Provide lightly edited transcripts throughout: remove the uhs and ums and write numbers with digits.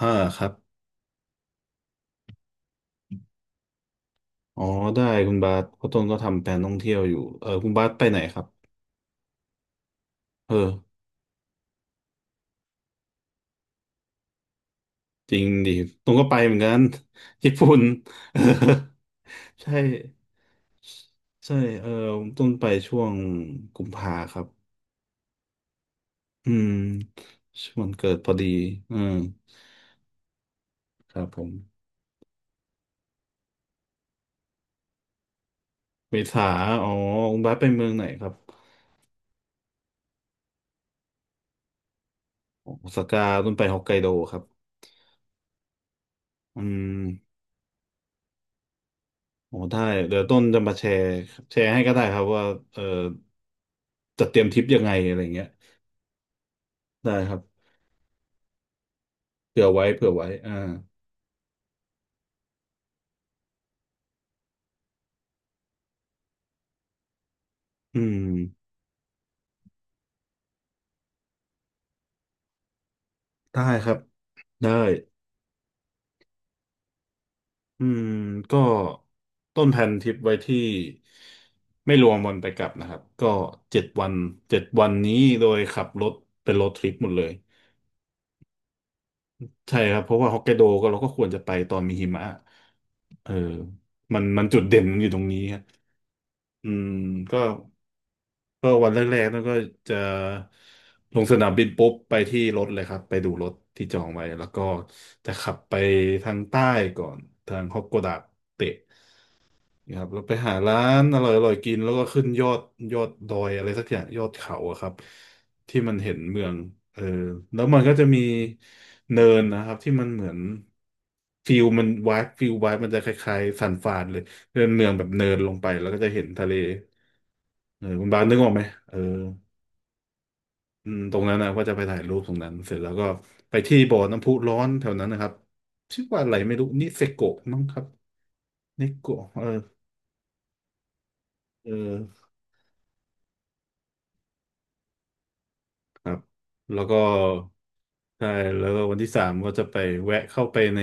ห้าครับ อ๋อได้คุณบาสเพราะต้นก็ทำแผนท่องเที่ยวอยู่คุณบาสไปไหนครับอจริงดิต้นก็ไปเหมือนกัน ญี่ปุ่น เออใช่ใช่เอต้นไปช่วงกุมภาครับอืมช่วงวันเกิดพอดีอืมครับผมเมษาอ๋อคุณบาสไปเมืองไหนครับโอซาก้าต้นไปฮอกไกโดครับอืม โอ้ได้ เดี๋ยวต้นจะมาแชร์แชร์ให้ก็ได้ครับว่าเออจะเตรียมทริปยังไงอะไรเงี้ยได้ครับเผื่อไว้อ่าอืมได้ครับ ได้ อืม ก็ต้นแผนทริปไว้ที่ไม่รวมวันไปกลับนะครับ ก็เจ็ดวันเจ็ดวันนี้โดยขับรถเป็นรถทริปหมดเลย ใช่ครับ เพราะว่าฮอกไกโดก็เราก็ควรจะไปตอนมีหิมะ เออมันจุดเด่นมันอยู่ตรงนี้ครับอืมก็ ก็วันแรกๆนั่นก็จะลงสนามบินปุ๊บไปที่รถเลยครับไปดูรถที่จองไว้แล้วก็จะขับไปทางใต้ก่อนทางฮอกโกดะเตะนะครับแล้วไปหาร้านอร่อยๆกินแล้วก็ขึ้นยอดยอดดอยอะไรสักอย่างยอดเขาอะครับที่มันเห็นเมืองเออแล้วมันก็จะมีเนินนะครับที่มันเหมือนฟิลวายมันจะคล้ายๆสันฟานเลยเป็นเมืองแบบเนินลงไปแล้วก็จะเห็นทะเลเออคุณบาสนึกออกไหมเออ อืมตรงนั้นนะก็จะไปถ่ายรูปตรงนั้นเสร็จแล้วก็ไปที่บ่อน้ำพุร้อนแถวนั้นนะครับชื่อว่าอะไรไม่รู้นิเซโกะมั้งครับนิโกะเออเออครับแล้วก็ใช่แล้วก็วันที่สามก็จะไปแวะเข้าไปใน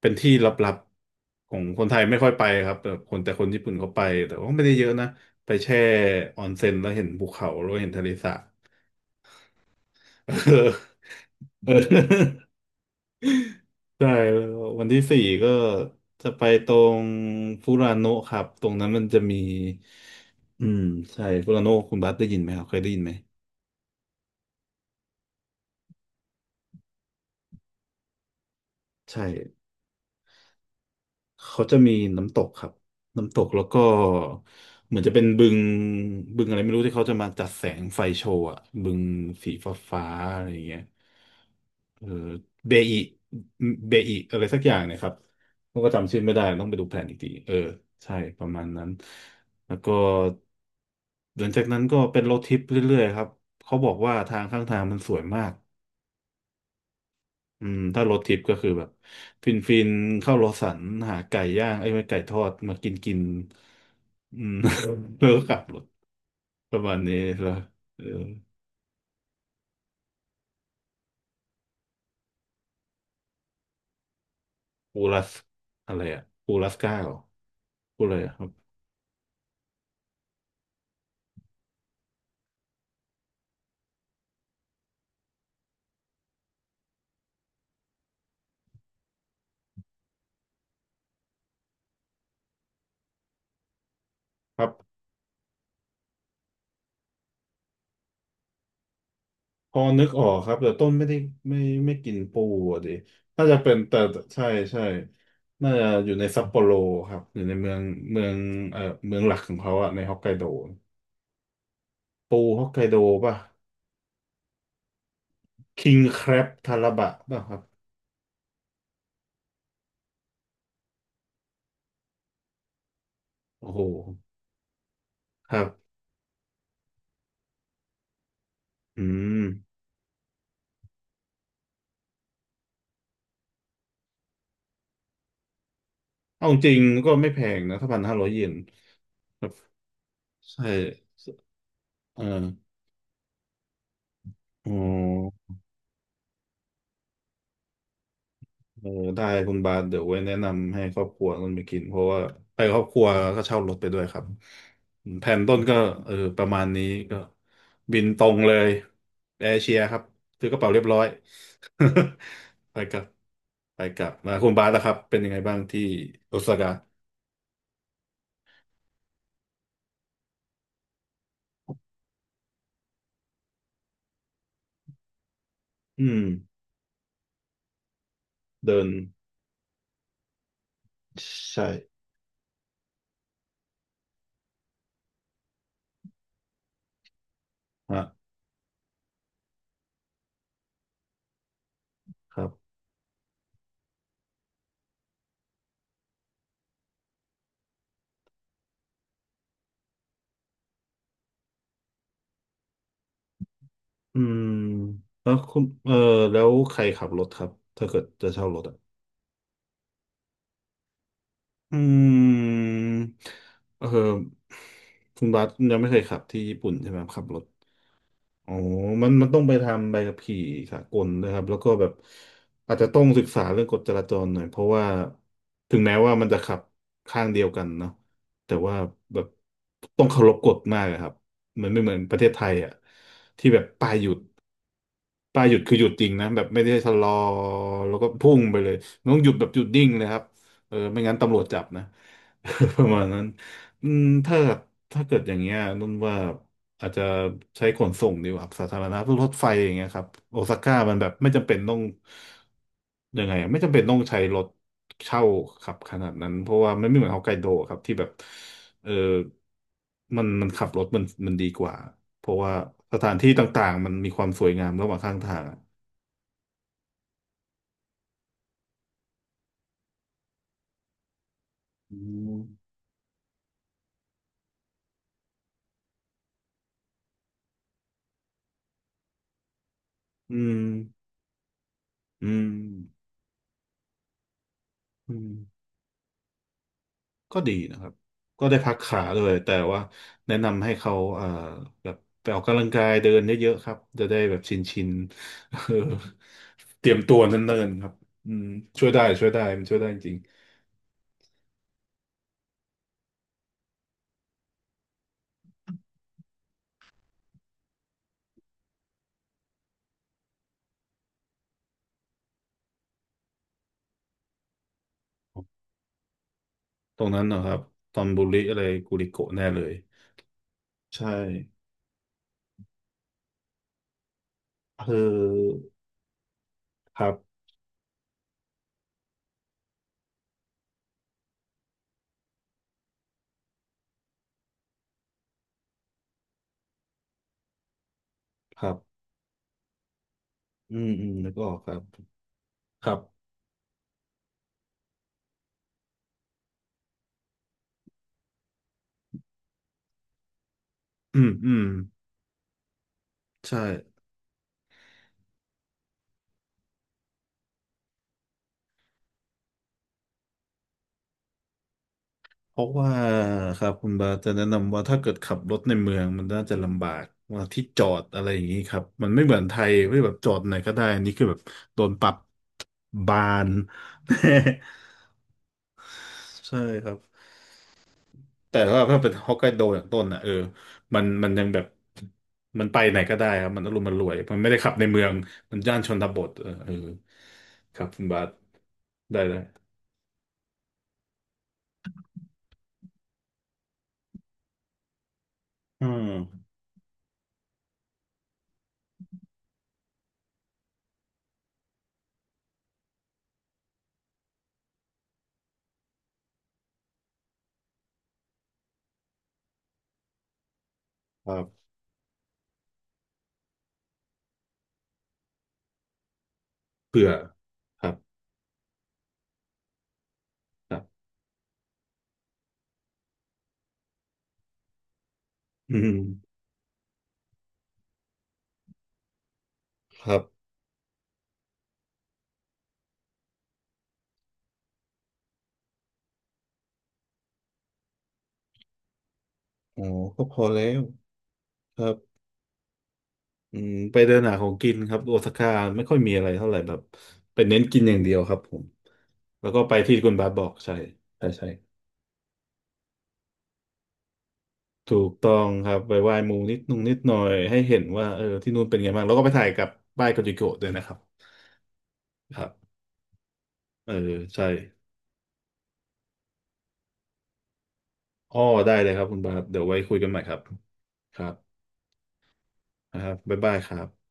เป็นที่ลับๆของคนไทยไม่ค่อยไปครับแต่คนญี่ปุ่นเขาไปแต่ว่าไม่ได้เยอะนะไปแช่ออนเซ็นแล้วเห็นภูเขาแล้วเห็นทะเลสาบ เออเออ ใช่แล้ววันที่สี่ก็จะไปตรงฟูรานโนะครับตรงนั้นมันจะมีอืมใช่ฟูรานโนคุณบัสได้ยินไหมครับเคยได้ยินไหมใช่ เขาจะมีน้ำตกครับน้ำตกแล้วก็เหมือนจะเป็นบึงบึงอะไรไม่รู้ที่เขาจะมาจัดแสงไฟโชว์อะบึงสีฟ้าฟ้าอะไรอย่างเงี้ยเออเบอิเบอิอะไรสักอย่างเนะครับผมก็จำชื่อไม่ได้ต้องไปดูแผนอีกทีใช่ประมาณนั้นแล้วก็หลังจากนั้นก็เป็นโรถทริปเรื่อยๆครับเขาบอกว่าทางข้างทางมันสวยมาก อืมถ้ารถทิปก็คือแบบฟินเข้าโลสันหาไก่ย่างไอ้ยไม่ไก่ทอดมากินกินอืม แล้วก็กลับรถประมาณนี้แล้วเออปูรัสอะไรอะปูรัสก้าเหรอปูอะไรอะครับครับพอนึกออกครับแต่ต้นไม่ได้ไม่กินปูอะดิน่าจะเป็นแต่ใช่ใช่น่าจะอยู่ในซัปโปโรครับอยู่ในเมืองเมืองเอ่อเมืองหลักของเขาอะในฮอกไกโดปูฮอกไกโดป่ะคิงแคร b ทาราบะป่ะครับ โอ้โหครับอืมเอาจริงก็ไม่แพงนะถ้า1,500 เยนครับใช่เอออ๋อเออได้คุณบาสเดี๋ยวไว้แนะนำให้ครอบครัวต้นไปกิน เพราะว่าไปครอบครัวก็เช่ารถไปด้วยครับ แผนต้นก็ประมาณนี้ก็บินตรงเลยแอร์เชียครับถือกระเป๋าเรียบร้อย ไปกลับไปกลับมาคุณบาสนะครับเป็นยังไงบ้างที่โอซาก้าอืม เดิน ใช่ฮะ ครับอืมแล้วคุณเออแล้วใครขับรถครับถ้าเกิดจะเช่ารถอ่ะอืมเออคุณบัสยังไม่เคยขับที่ญี่ปุ่นใช่ไหมครับขับรถ อ๋อมันต้องไปทำใบขับขี่สากลนะครับ แล้วก็แบบอาจจะต้องศึกษาเรื่องกฎจราจรหน่อย เพราะว่าถึงแม้ว่ามันจะขับข้างเดียวกันเนาะแต่ว่าแบบต้องเคารพกฎมากอะครับมันไม่เหมือนประเทศไทยอ่ะที่แบบป้ายหยุด ปลายหยุดคือหยุดจริงนะแบบไม่ได้ชะลอแล้วก็พุ่งไปเลยมันต้องหยุดแบบหยุดนิ่งเลยครับไม่งั้นตำรวจจับนะ ประมาณนั้นอืมถ้าเกิดอย่างเงี้ยนุ่นว่าอาจจะใช้ขนส่งดีกว่าครับสาธารณะพวกรถไฟอย่างเงี้ยครับโอซาก้ามันแบบไม่จำเป็นต้องยังไงอะไม่จำเป็นต้องใช้รถเช่าขับขนาดนั้นเพราะว่ามันไม่เหมือนฮอกไกโดครับที่แบบเออมันขับรถมันดีกว่า เพราะว่าสถานที่ต่างๆมันมีความสวยงามระหว่างข้างทางอะอืมอืมอืมอืมก็ดีนะครับก็ได้พักขาด้วยแต่ว่าแนะนำให้เขาแบบไปออกกำลังกายเดินเยอะๆครับจะได้แบบชิน เออเตรียมตัวเนิ่นๆครับอืมช่วยได้มันช่วยได้จริงตรงนั้นนะครับตอนบุริอะไรกูริโกะแน่เลยใช่เออครับครับอืมแล้วก็ออกครับครับอืม ใช่เพราะว่าครับคุณบาจะแนะนำว่าถ้าเกิดขับรถในเมืองมันน่าจะลำบากว่าที่จอดอะไรอย่างนี้ครับมันไม่เหมือนไทยไม่แบบจอดไหนก็ได้อันนี้คือแบบโดนปรับบาน ใช่ครับแต่ว่าถ้าเป็นฮอกไกโดอย่างต้นอ่ะมันยังแบบมันไปไหนก็ได้ครับมันอารมณ์มันรวยมันไม่ได้ขับในเมืองมันย่านชนบทเออครับคุณบาสได้เลยอืมครับเผื่อครับครับอืมครับ อ๋อก็พอแล้วครับอืมไปเดินหาของกินครับโอซาก้าไม่ค่อยมีอะไรเท่าไหร่แบบไปเน้นกินอย่างเดียวครับผมแล้วก็ไปที่คุณบาสบอกใช่ใช่ถูกต้องครับไปไหว้หมูนิดนุ่งนิดหน่อยให้เห็นว่าเออที่นู่นเป็นไงบ้างแล้วก็ไปถ่ายกับป้ายโกจิโกะด้วยนะครับครับเออใช่อ้อได้เลยครับคุณบาสเดี๋ยวไว้คุยกันใหม่ครับครับนะครับบ๊ายบายครับ